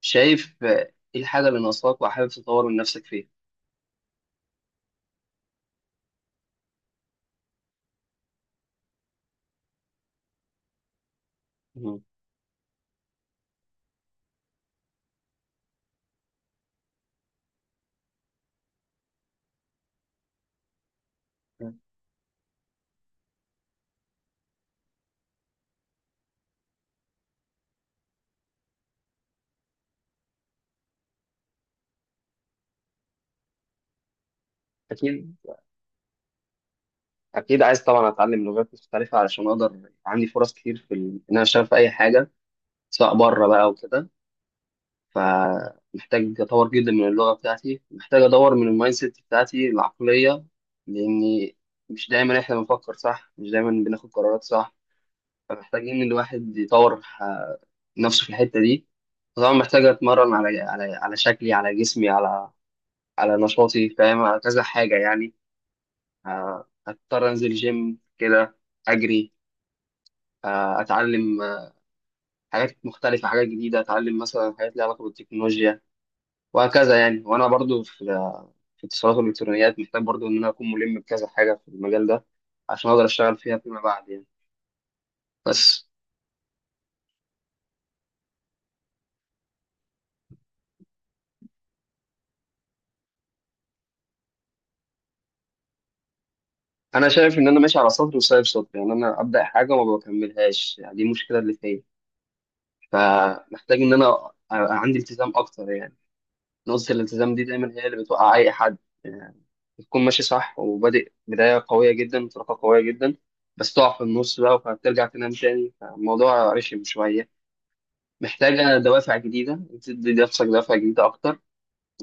شايف ايه الحاجة اللي ناقصاك وحابب تطور من نفسك فيها؟ مم. أكيد، أكيد عايز طبعا أتعلم لغات مختلفة علشان أقدر عندي فرص كتير إن أنا أشتغل في أي حاجة، سواء بره بقى وكده. فمحتاج أطور جدا من اللغة بتاعتي، محتاج أدور من المايند سيت بتاعتي، العقلية. لأني مش دايما إحنا بنفكر صح، مش دايما بناخد قرارات صح. فمحتاجين الواحد يطور نفسه في الحتة دي. طبعا محتاج أتمرن على شكلي، على جسمي، على على نشاطي، فاهم، على كذا حاجة يعني. هضطر أنزل جيم كده، أجري، أتعلم حاجات مختلفة، حاجات جديدة. أتعلم مثلا حاجات ليها علاقة بالتكنولوجيا، وهكذا يعني. وأنا برضو في اتصالات والإلكترونيات، محتاج برضو إن أنا أكون ملم بكذا حاجة في المجال ده عشان أقدر أشتغل فيها فيما بعد يعني. بس أنا شايف إن أنا ماشي على سطر وسايب سطر، يعني أنا أبدأ حاجة وما بكملهاش، يعني دي المشكلة اللي فيا. فمحتاج إن أنا عندي التزام أكتر يعني. نقطة الالتزام دي دايما هي اللي بتوقع أي حد يعني. تكون ماشي صح وبادئ بداية قوية جدا، انطلاقة قوية جدا، بس تقع في النص بقى، فبترجع تنام تاني، فالموضوع رخم شوية. محتاجة دوافع جديدة، انت تدي نفسك دوافع جديدة أكتر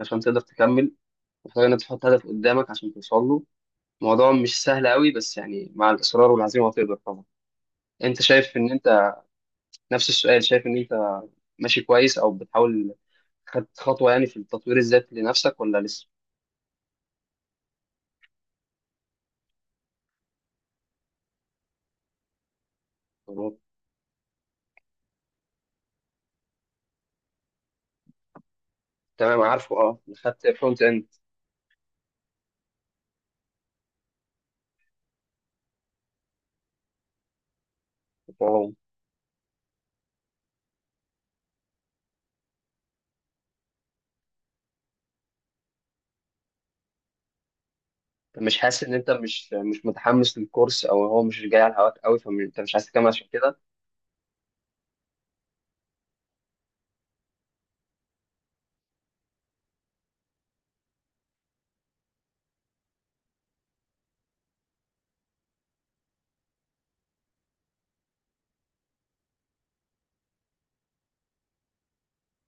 عشان تقدر تكمل. محتاجة إنك تحط هدف قدامك عشان توصل له. الموضوع مش سهل قوي، بس يعني مع الإصرار والعزيمة هتقدر طبعا. أنت شايف إن أنت، نفس السؤال، شايف إن أنت ماشي كويس أو بتحاول خدت خطوة يعني في التطوير الذاتي لنفسك، ولا لسه؟ تمام، عارفه، أه، خدت فرونت إند. مش حاسس ان انت مش مش متحمس للكورس، او هو مش جاي على هواك قوي، فانت مش عايز تكمل عشان كده؟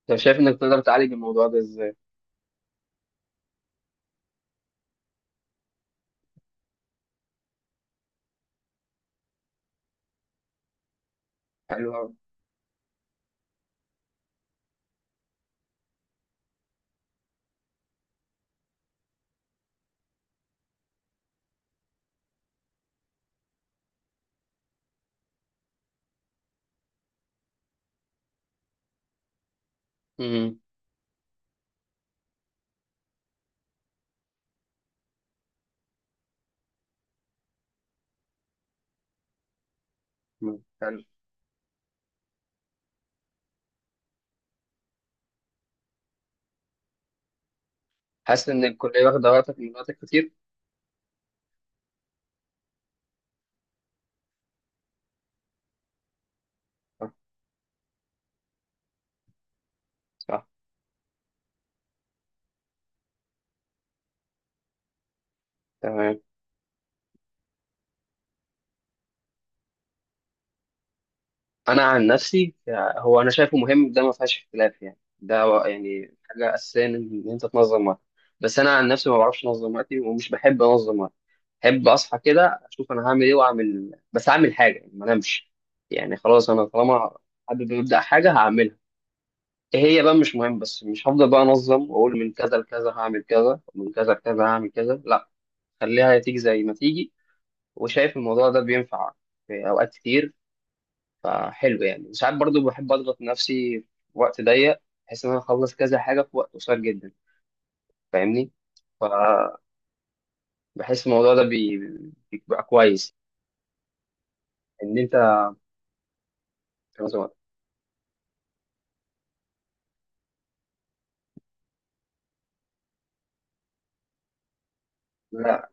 طب شايف انك تقدر تعالج الموضوع ده ازاي؟ حلو قوي. امم حلو. حاسس ان الكليه واخده وقتك، من وقتك كتير؟ صح. صح. تمام. انا عن نفسي، هو انا شايفه مهم، ده ما فيهاش اختلاف يعني. ده يعني حاجه اساسيه، إن انت تنظم وقتك. بس انا عن نفسي ما بعرفش انظم وقتي، ومش بحب انظم وقتي. بحب اصحى كده اشوف انا هعمل ايه، واعمل، بس اعمل حاجه يعني، ما انامش. يعني خلاص، انا طالما حابب ابدا حاجه هعملها، ايه هي بقى مش مهم، بس مش هفضل بقى انظم واقول من كذا لكذا هعمل كذا، ومن كذا لكذا هعمل كذا، لا. خليها تيجي زي ما تيجي. وشايف الموضوع ده بينفع في اوقات كتير، فحلو يعني. ساعات برضو بحب اضغط نفسي في وقت ضيق، بحيث ان انا اخلص كذا حاجه في وقت قصير جدا، فاهمني؟ فبحس الموضوع ده بيبقى كويس. ان انت تنظم وقتك. لا،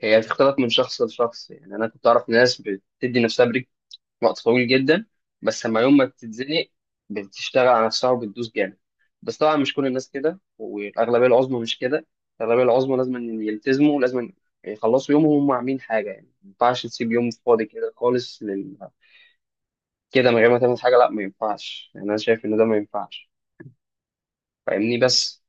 هي بتختلف من شخص لشخص يعني. انا كنت اعرف ناس بتدي نفسها بريك وقت طويل جدا، بس لما يوم ما بتتزنق بتشتغل على نفسها وبتدوس جامد. بس طبعا مش كل الناس كده، والأغلبية العظمى مش كده. الأغلبية العظمى لازم إن يلتزموا، لازم يخلصوا يومهم وهم عاملين حاجة، يعني ما ينفعش تسيب يوم فاضي كده خالص كده، من غير ما تعمل حاجة. لا، ما ينفعش يعني. أنا شايف إن ده ما ينفعش، فاهمني؟ بس.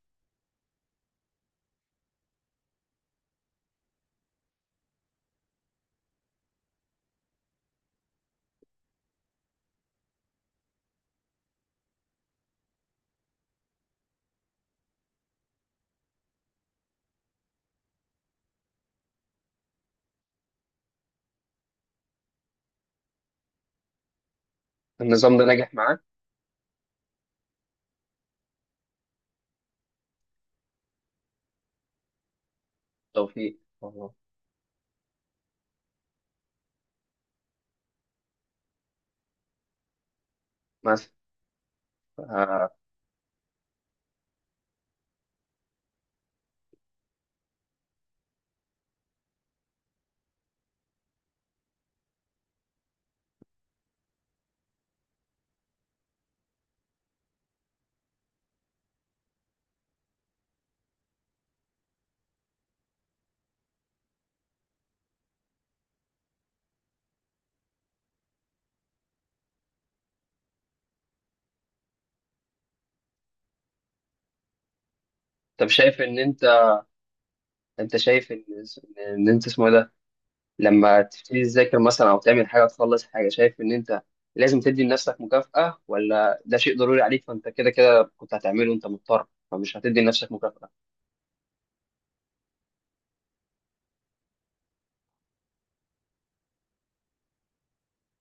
النظام ده نجح معاك؟ توفيق والله. مثلا. آه، طب شايف إن أنت، أنت شايف إن أنت اسمه إيه ده، لما تبتدي تذاكر مثلا او تعمل حاجه، تخلص حاجه، شايف ان انت لازم تدي لنفسك مكافاه، ولا ده شيء ضروري عليك، فانت كده كده كنت هتعمله وانت مضطر، فمش هتدي لنفسك مكافاه؟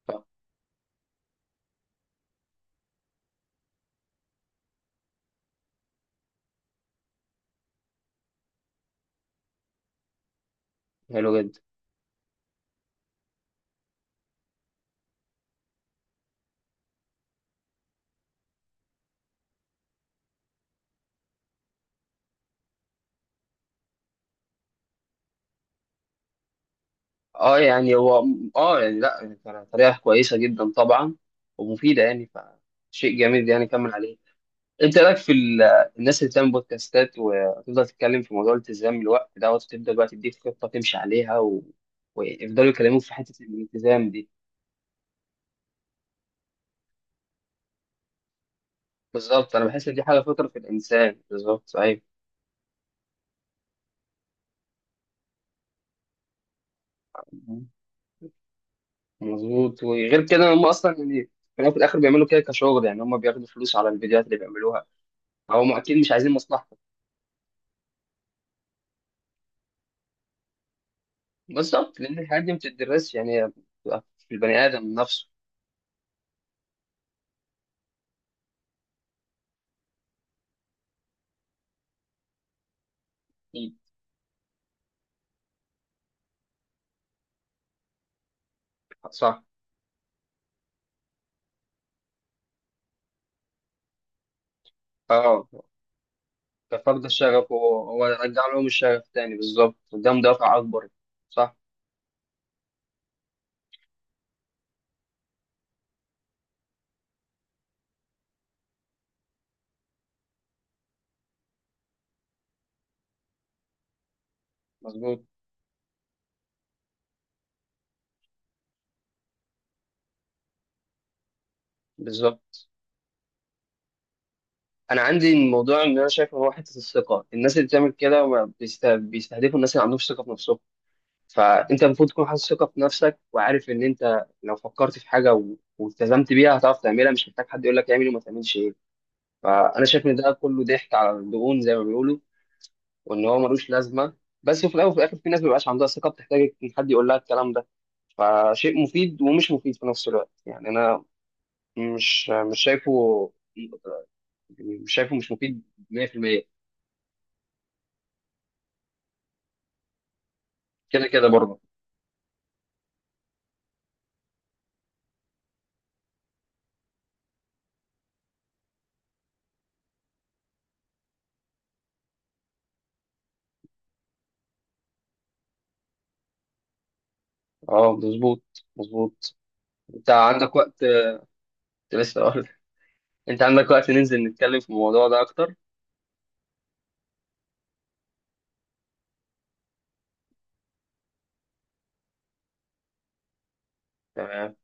ف- حلو جدا. اه يعني هو، اه يعني لا، يعني كان طريقه كويسه جدا طبعا، ومفيده يعني، فشيء جميل يعني، كمل عليه. انت إيه رايك في الناس اللي بتعمل بودكاستات وتفضل تتكلم في موضوع الالتزام الوقت دوت، وتبدا بقى تديك خطه تمشي عليها ويفضلوا يكلموك في حته الالتزام دي؟ بالظبط. انا بحس ان دي حاجه فطره في الانسان، بالظبط، صحيح. مظبوط. وغير كده هم اصلا يعني، في الأول وفي الاخر بيعملوا كده كشغل، يعني هم بياخدوا فلوس على الفيديوهات اللي بيعملوها، فهم اكيد مش عايزين مصلحتك. بالظبط، لان الحاجات دي ما بتدرسش يعني، هي بتبقى في البني ادم نفسه. أكيد. صح. اه، ففقد الشغف، هو هو رجع لهم الشغف تاني، بالظبط، ده دافع اكبر. صح. مظبوط. بالظبط. انا عندي الموضوع، ان انا شايف إن هو حته الثقه، الناس اللي بتعمل كده ما بيستهدفوا الناس اللي عندهم ثقه في نفسهم. فانت المفروض تكون حاسس ثقه في نفسك، وعارف ان انت لو فكرت في حاجه والتزمت بيها هتعرف تعملها، مش محتاج حد يقول لك اعمل وما تعملش ايه. فانا شايف ان ده كله ضحك على الدهون زي ما بيقولوا، وان هو ملوش لازمه. بس في الاول وفي الاخر في ناس ما بيبقاش عندها ثقه، بتحتاج ان حد يقول لها الكلام ده، فشيء مفيد ومش مفيد في نفس الوقت يعني. انا مش مش شايفه، مش شايفه مش مفيد 100%. كده كده برضه. اه، مظبوط. مظبوط. انت عندك وقت لسه؟ انت عندك وقت ننزل نتكلم في الموضوع ده اكتر؟ تمام.